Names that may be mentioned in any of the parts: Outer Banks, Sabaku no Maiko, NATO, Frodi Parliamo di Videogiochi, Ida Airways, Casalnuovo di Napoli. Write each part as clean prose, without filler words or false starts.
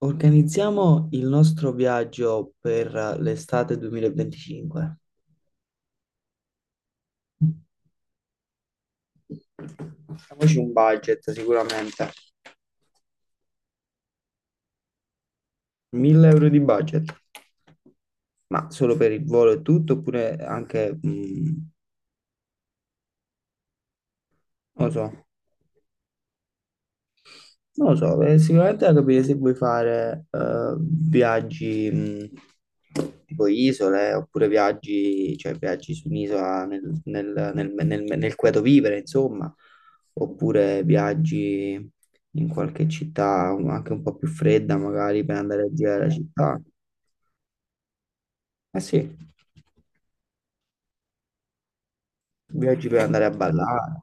Organizziamo il nostro viaggio per l'estate 2025. Facciamoci un budget sicuramente. 1000 euro di budget, ma solo per il volo e tutto, oppure anche, non lo so, sicuramente da capire se vuoi fare viaggi tipo isole oppure viaggi, cioè viaggi su un'isola nel cui tu vivere, insomma, oppure viaggi in qualche città anche un po' più fredda, magari per andare a girare la città. Eh sì, viaggi per andare a ballare,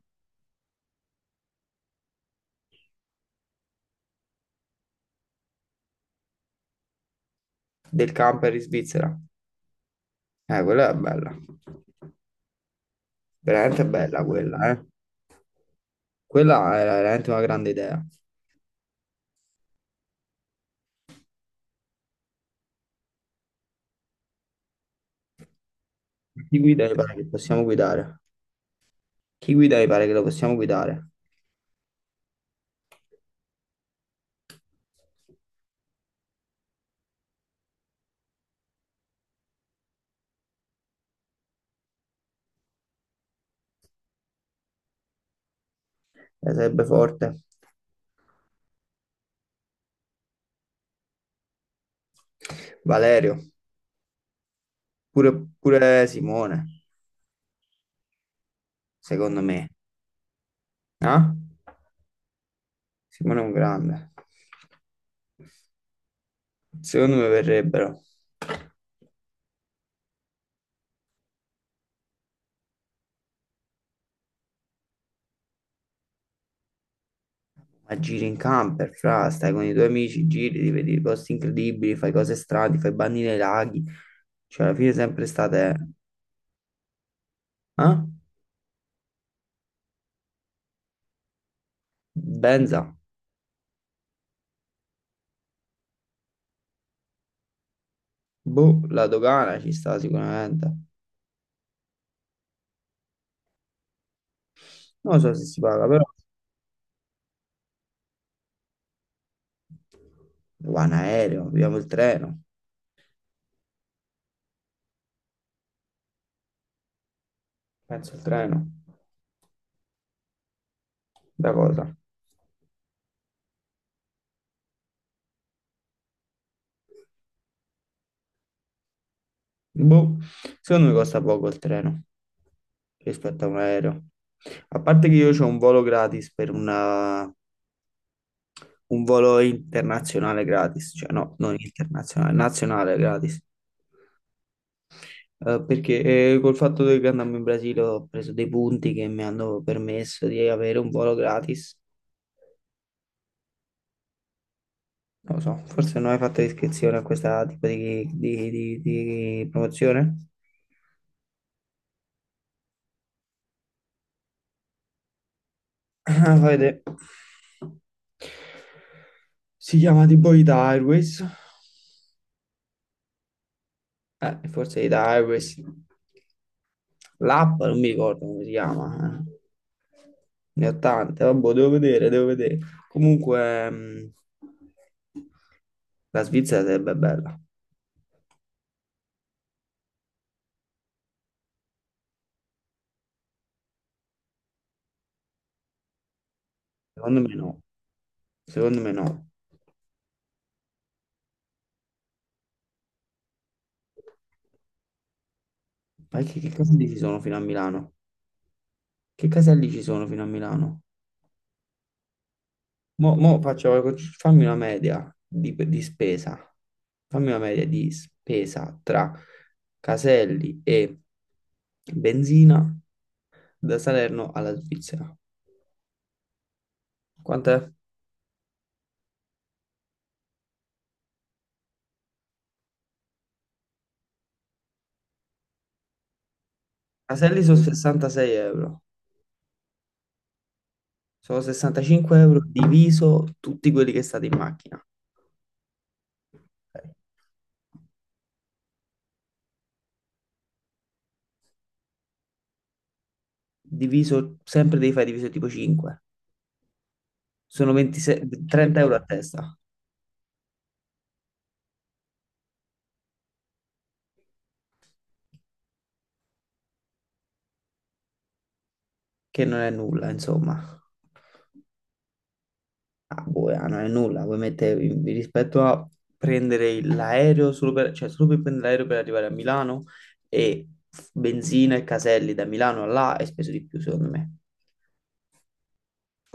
del camper in Svizzera. Quella è bella, veramente bella quella, eh. Quella era veramente una grande idea. Chi guida i pare che possiamo guidare? Chi guida i pare che lo possiamo guidare? Sarebbe forte. Valerio, pure, pure Simone, secondo me. No? Simone è un grande. Secondo me verrebbero. Ma giri in camper, fra, stai con i tuoi amici, giri, ti vedi posti incredibili, fai cose strane, fai bagni nei laghi. Cioè, alla fine sempre state. Eh? Benza. Boh, la dogana ci sta sicuramente. Non so se si paga, però. Va in aereo, abbiamo il treno, penso il treno, da cosa? Boh, secondo me costa poco il treno rispetto a un aereo. A parte che io ho un volo gratis per un volo internazionale gratis, cioè no, non internazionale, nazionale gratis. Perché col fatto che andando in Brasile ho preso dei punti che mi hanno permesso di avere un volo gratis. Non lo so, forse non hai fatto iscrizione a questa tipo di promozione? Ah, vede. Si chiama tipo Ida Airways. Forse Ida Airways. L'app non mi ricordo come si chiama. Ne ho tante, vabbè, devo vedere, devo vedere. Comunque, la Svizzera sarebbe bella. Secondo me no. Secondo me no. Ma che caselli ci sono fino a Milano? Che caselli ci sono fino a Milano? Mo faccio, fammi una media di spesa. Fammi una media di spesa tra caselli e benzina da Salerno alla Svizzera. Quanto è? Caselli sono 66 euro. Sono 65 euro diviso tutti quelli che state in macchina. Ok. Diviso, sempre devi fare diviso tipo 5. Sono 26 30 euro a testa, che non è nulla, insomma. Ah, boh, ah, non è nulla, vuoi mettere rispetto a prendere l'aereo solo per, cioè solo per prendere l'aereo per arrivare a Milano e benzina e caselli da Milano a là hai speso di più, secondo me.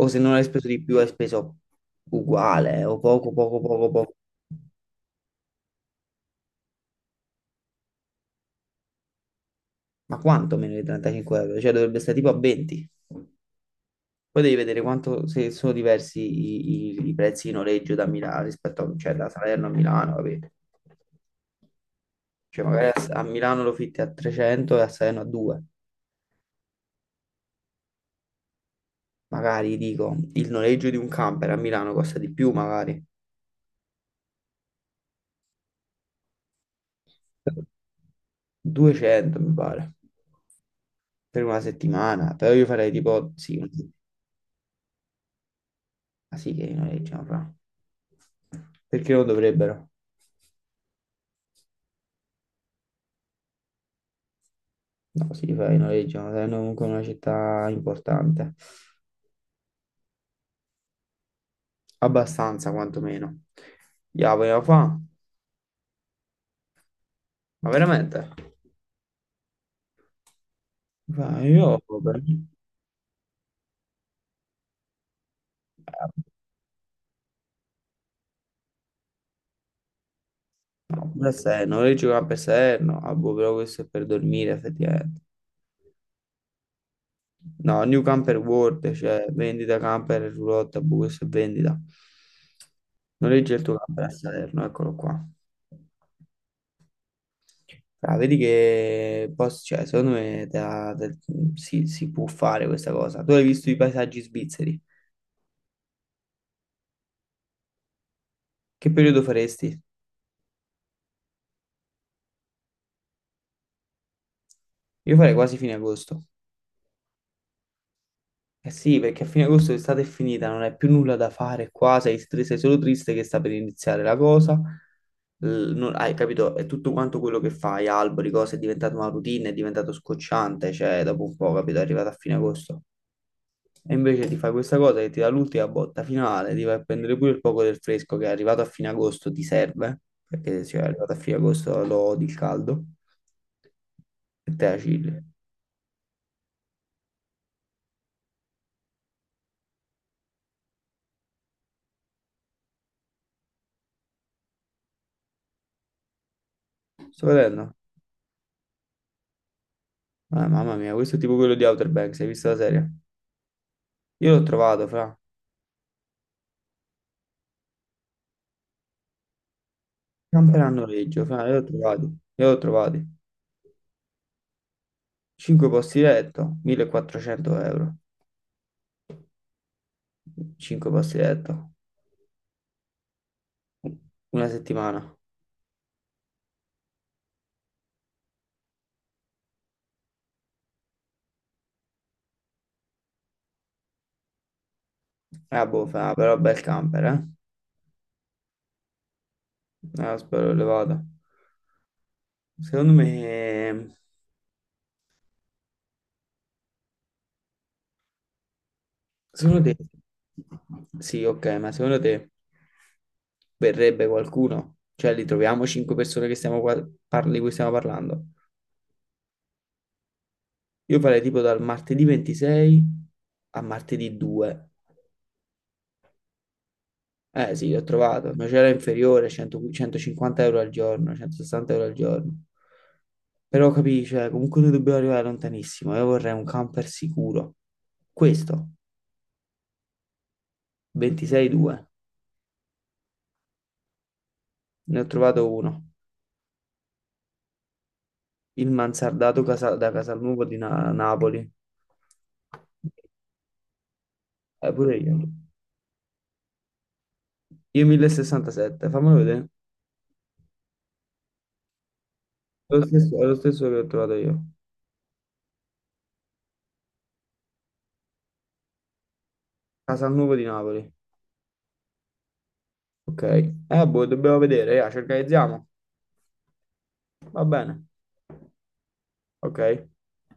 O se non hai speso di più, hai speso uguale o poco, poco, poco, poco. Ma quanto meno di 35 euro? Cioè dovrebbe stare tipo a 20. Poi devi vedere quanto se sono diversi i prezzi di noleggio da Milano rispetto a, cioè, da Salerno a Milano, vabbè. Cioè, magari a Milano lo fitti a 300 e a Salerno a 2. Magari, dico, il noleggio di un camper a Milano costa di più, magari. 200, mi pare, per una settimana. Però io farei tipo, sì, ma sì che li noleggiano, fra. Perché non dovrebbero? No, sì, fra, li fai, noleggiano, Salerno è comunque una città importante. Abbastanza, quantomeno. Ya, vogliamo fa? Ma veramente? Ma io. Da Serno, io giocavo per Serno, ah, boh, però questo è per dormire effettivamente. No, New Camper World, cioè vendita camper e roulotte, boh, questo è vendita. Noleggia il tuo camper a Salerno, eccolo qua. Ah, vedi che posso, cioè, secondo me si può fare questa cosa. Tu hai visto i paesaggi svizzeri? Che periodo faresti? Io farei quasi fine agosto. Eh sì, perché a fine agosto l'estate è finita, non hai più nulla da fare qua, sei solo triste che sta per iniziare la cosa. Hai capito? È tutto quanto quello che fai, alberi, cose, è diventato una routine, è diventato scocciante, cioè dopo un po', capito, è arrivato a fine agosto. E invece ti fai questa cosa che ti dà l'ultima botta finale, ti vai a prendere pure il poco del fresco che è arrivato a fine agosto, ti serve, perché se è arrivato a fine agosto lo odi il caldo, e te la chilli. Sto vedendo? Ah, mamma mia, questo è tipo quello di Outer Banks, hai visto la serie? Io l'ho trovato, fra. Camperanno Reggio, fra, io l'ho trovato. Io l'ho trovato. 5 posti letto, 1400 euro. 5 posti letto. Una settimana. Boh, fra, però bel camper, eh. Spero elevato. Secondo me. Secondo te. Sì, ok, ma secondo te verrebbe qualcuno? Cioè, li troviamo 5 persone che stiamo di cui stiamo parlando? Io farei tipo dal martedì 26 a martedì 2. Eh sì, ho trovato, ma c'era inferiore, 100 150 euro al giorno, 160 euro al giorno. Però capisci, cioè, comunque noi dobbiamo arrivare lontanissimo. Io vorrei un camper sicuro. Questo, 26,2, ne ho trovato uno. Il mansardato da Casalnuovo di Napoli. Pure io. Io 1067, fammelo vedere. È lo stesso, è lo stesso che ho trovato io. Casalnuovo di Napoli. Ok. Boh, dobbiamo vedere, ci organizziamo. Va bene. Ok.